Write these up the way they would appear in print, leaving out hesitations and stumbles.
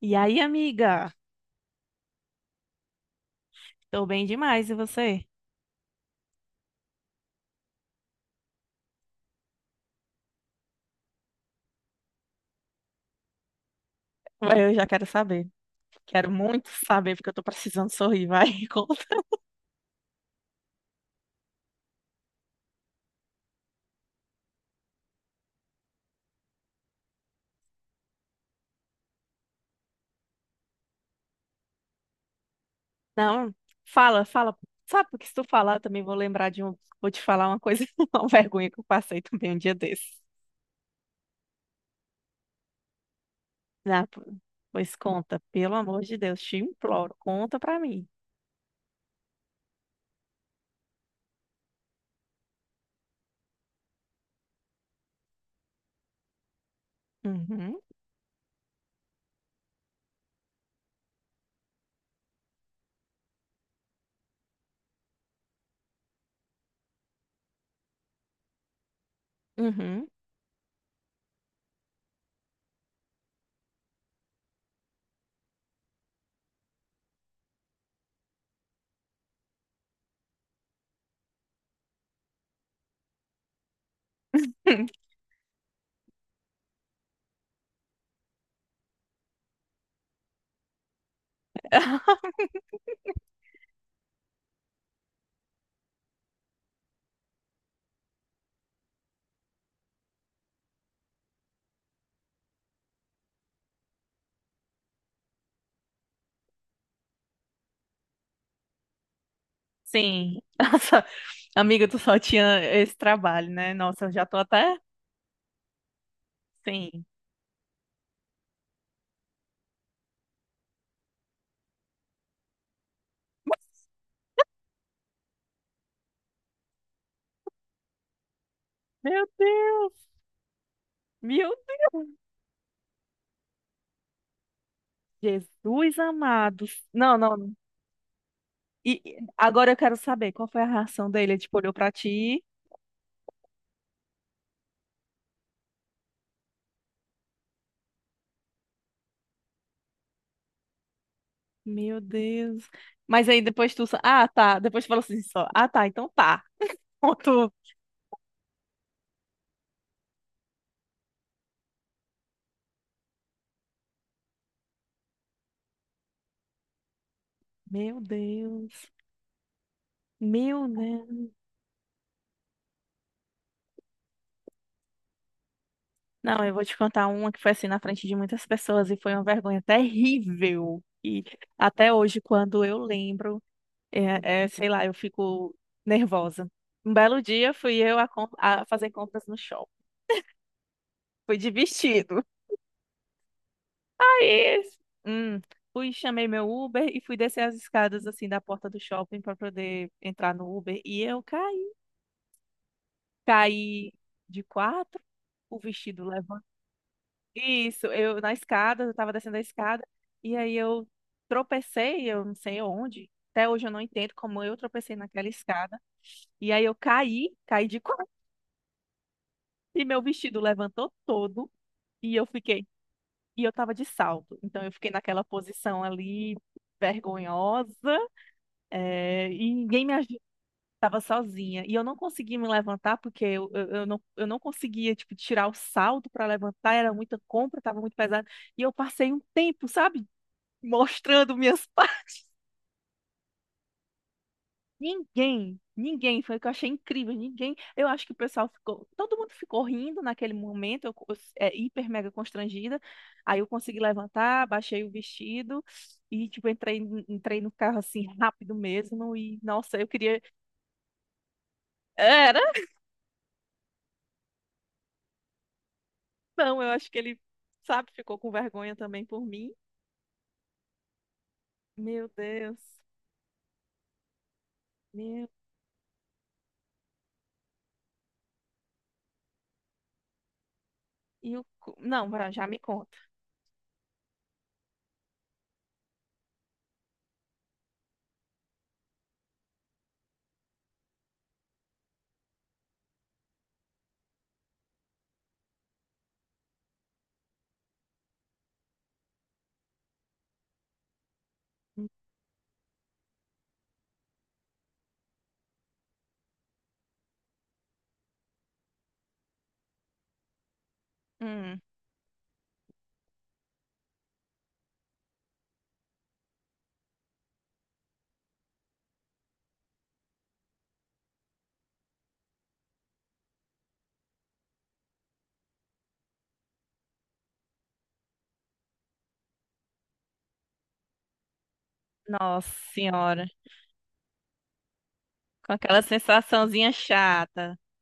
E aí, amiga? Tô bem demais, e você? Vai. Eu já quero saber. Quero muito saber, porque eu tô precisando sorrir, vai. Conta. Não, fala, fala. Sabe, porque se tu falar, eu também vou lembrar de um. Vou te falar uma coisa, uma vergonha que eu passei também um dia desses. Ah, pô, pois conta, pelo amor de Deus, te imploro, conta pra mim. Uhum, uhum. Sim, nossa, amiga, tu só tinha esse trabalho, né? Nossa, eu já tô até. Sim. Meu Deus, meu Deus. Jesus amado. Não, não. E agora eu quero saber qual foi a reação dele. Ele, tipo, olhou pra ti. Meu Deus. Mas aí depois tu. Só- Ah, tá. Depois tu falou assim só. Ah, tá. Então tá. Ponto. Meu Deus. Meu Deus. Não, eu vou te contar uma que foi assim na frente de muitas pessoas e foi uma vergonha terrível. E até hoje, quando eu lembro, é, sei lá, eu fico nervosa. Um belo dia fui eu a fazer compras no shopping. Fui de vestido. Aí, hum, fui, chamei meu Uber e fui descer as escadas assim da porta do shopping para poder entrar no Uber. E eu caí. Caí de quatro, o vestido levantou. Isso, eu na escada, eu tava descendo a escada. E aí eu tropecei, eu não sei onde. Até hoje eu não entendo como eu tropecei naquela escada. E aí eu caí, caí de quatro. E meu vestido levantou todo. E eu fiquei. E eu tava de salto. Então eu fiquei naquela posição ali vergonhosa. É, e ninguém me ajudava, estava sozinha. E eu não conseguia me levantar porque eu não conseguia, tipo, tirar o salto para levantar, era muita compra, estava muito pesado. E eu passei um tempo, sabe, mostrando minhas partes. Ninguém, ninguém, foi o que eu achei incrível, ninguém. Eu acho que o pessoal ficou, todo mundo ficou rindo naquele momento, hiper mega constrangida. Aí eu consegui levantar, baixei o vestido e, tipo, entrei no carro assim, rápido mesmo. E, nossa, eu queria. Era Não, eu acho que ele, sabe, ficou com vergonha também por mim. Meu Deus. Meu... E o... cu- Não, Bran, já me conta. Hum, nossa senhora, com aquela sensaçãozinha chata.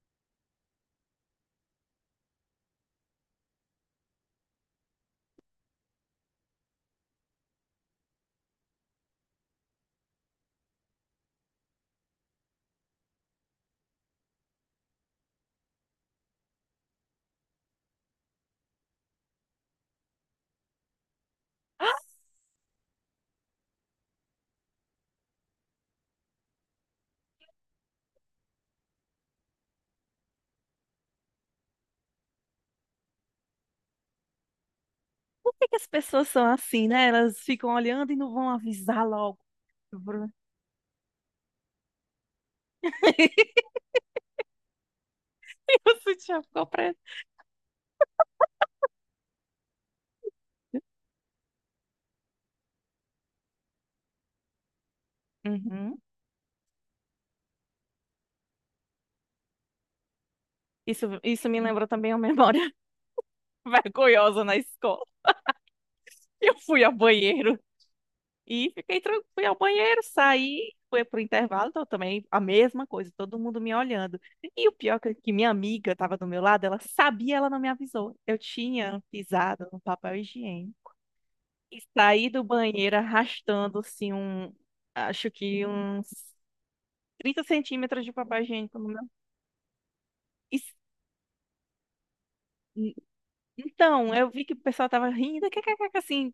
Ah, por que que as pessoas são assim, né? Elas ficam olhando e não vão avisar logo. Bran, o sutiã ficou preto. Uhum. Isso me lembrou também uma memória vergonhosa na escola. Eu fui ao banheiro e fiquei tranquila, fui ao banheiro, saí, fui pro intervalo, então também a mesma coisa, todo mundo me olhando. E o pior é que minha amiga estava do meu lado, ela sabia, ela não me avisou. Eu tinha pisado no papel higiênico e saí do banheiro arrastando assim um, acho que uns 30 cm de papel higiênico no meu. E s- n- então, eu vi que o pessoal tava rindo, que, assim,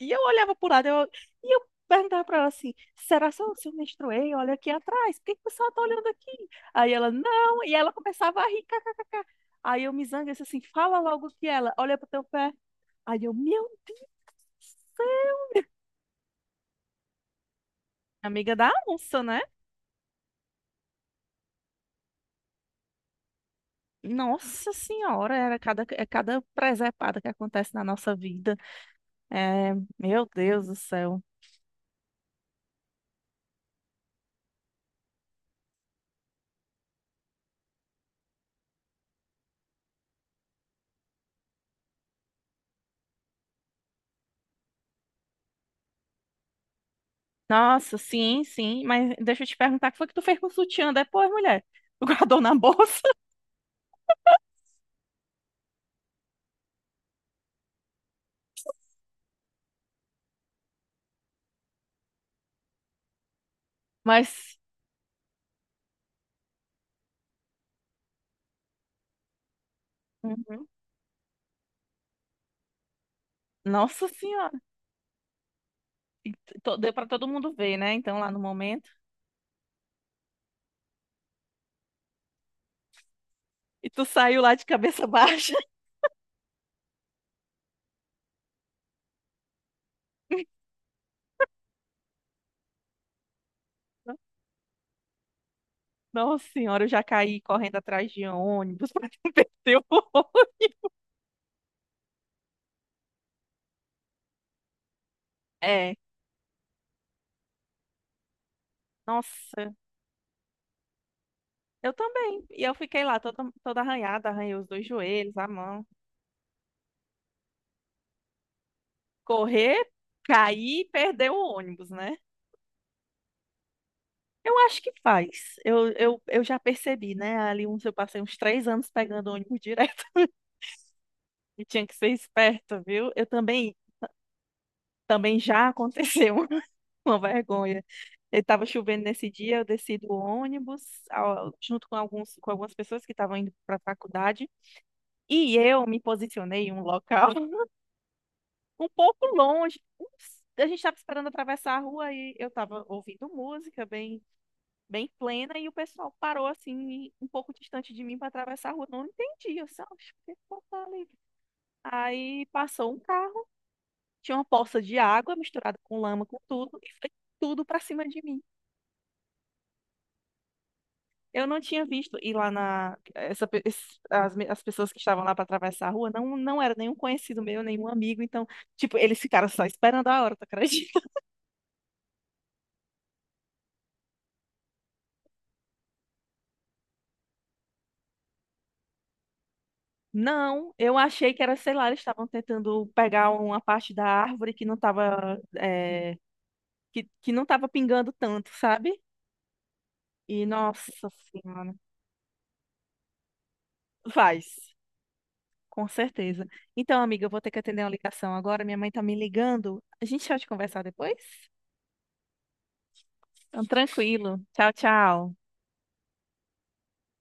e eu olhava pro lado, e eu perguntava pra ela assim, será só se eu menstruei? Olha aqui atrás, por que que o pessoal tá olhando aqui? Aí ela, não, e ela começava a rir, kkkk. Aí eu me zanguei, disse assim, fala logo que ela, olha pro teu pé. Aí eu, meu Deus do céu, amiga da onça, né? Nossa senhora, é cada presepada que acontece na nossa vida. É, meu Deus do céu. Nossa, sim, sim, mas deixa eu te perguntar, o que foi que tu fez com o sutiã depois, mulher? Tu guardou na bolsa? Mas Uhum. Nossa Senhora. E deu pra todo mundo ver, né? Então, lá no momento. E tu saiu lá de cabeça baixa. Nossa Senhora, eu já caí correndo atrás de ônibus pra não perder o ônibus. É. Nossa, eu também. E eu fiquei lá toda, toda arranhada, arranhei os dois joelhos, a mão. Correr, cair e perder o ônibus, né? Eu acho que faz. Eu já percebi, né? Ali uns, eu passei uns 3 anos pegando ônibus direto. E tinha que ser esperta, viu? Eu também Também já aconteceu uma vergonha. Estava chovendo nesse dia, eu desci do ônibus junto com algumas pessoas que estavam indo para a faculdade e eu me posicionei em um local um pouco longe. Ups, a gente estava esperando atravessar a rua e eu estava ouvindo música bem, bem plena e o pessoal parou assim um pouco distante de mim para atravessar a rua. Não entendi, eu só, "Oxe, que tá ali?" Aí passou um carro, tinha uma poça de água misturada com lama, com tudo e foi tudo para cima de mim. Eu não tinha visto. E lá na. Essa, pe- es- as, me- As pessoas que estavam lá para atravessar a rua não era nenhum conhecido meu, nenhum amigo. Então, tipo, eles ficaram só esperando a hora, tu acredita? Não, eu achei que era, sei lá, eles estavam tentando pegar uma parte da árvore que não tava, que não tava pingando tanto, sabe? E nossa senhora. Faz, com certeza. Então, amiga, eu vou ter que atender uma ligação agora. Minha mãe tá me ligando. A gente pode conversar depois? Então, tranquilo. Tchau, tchau.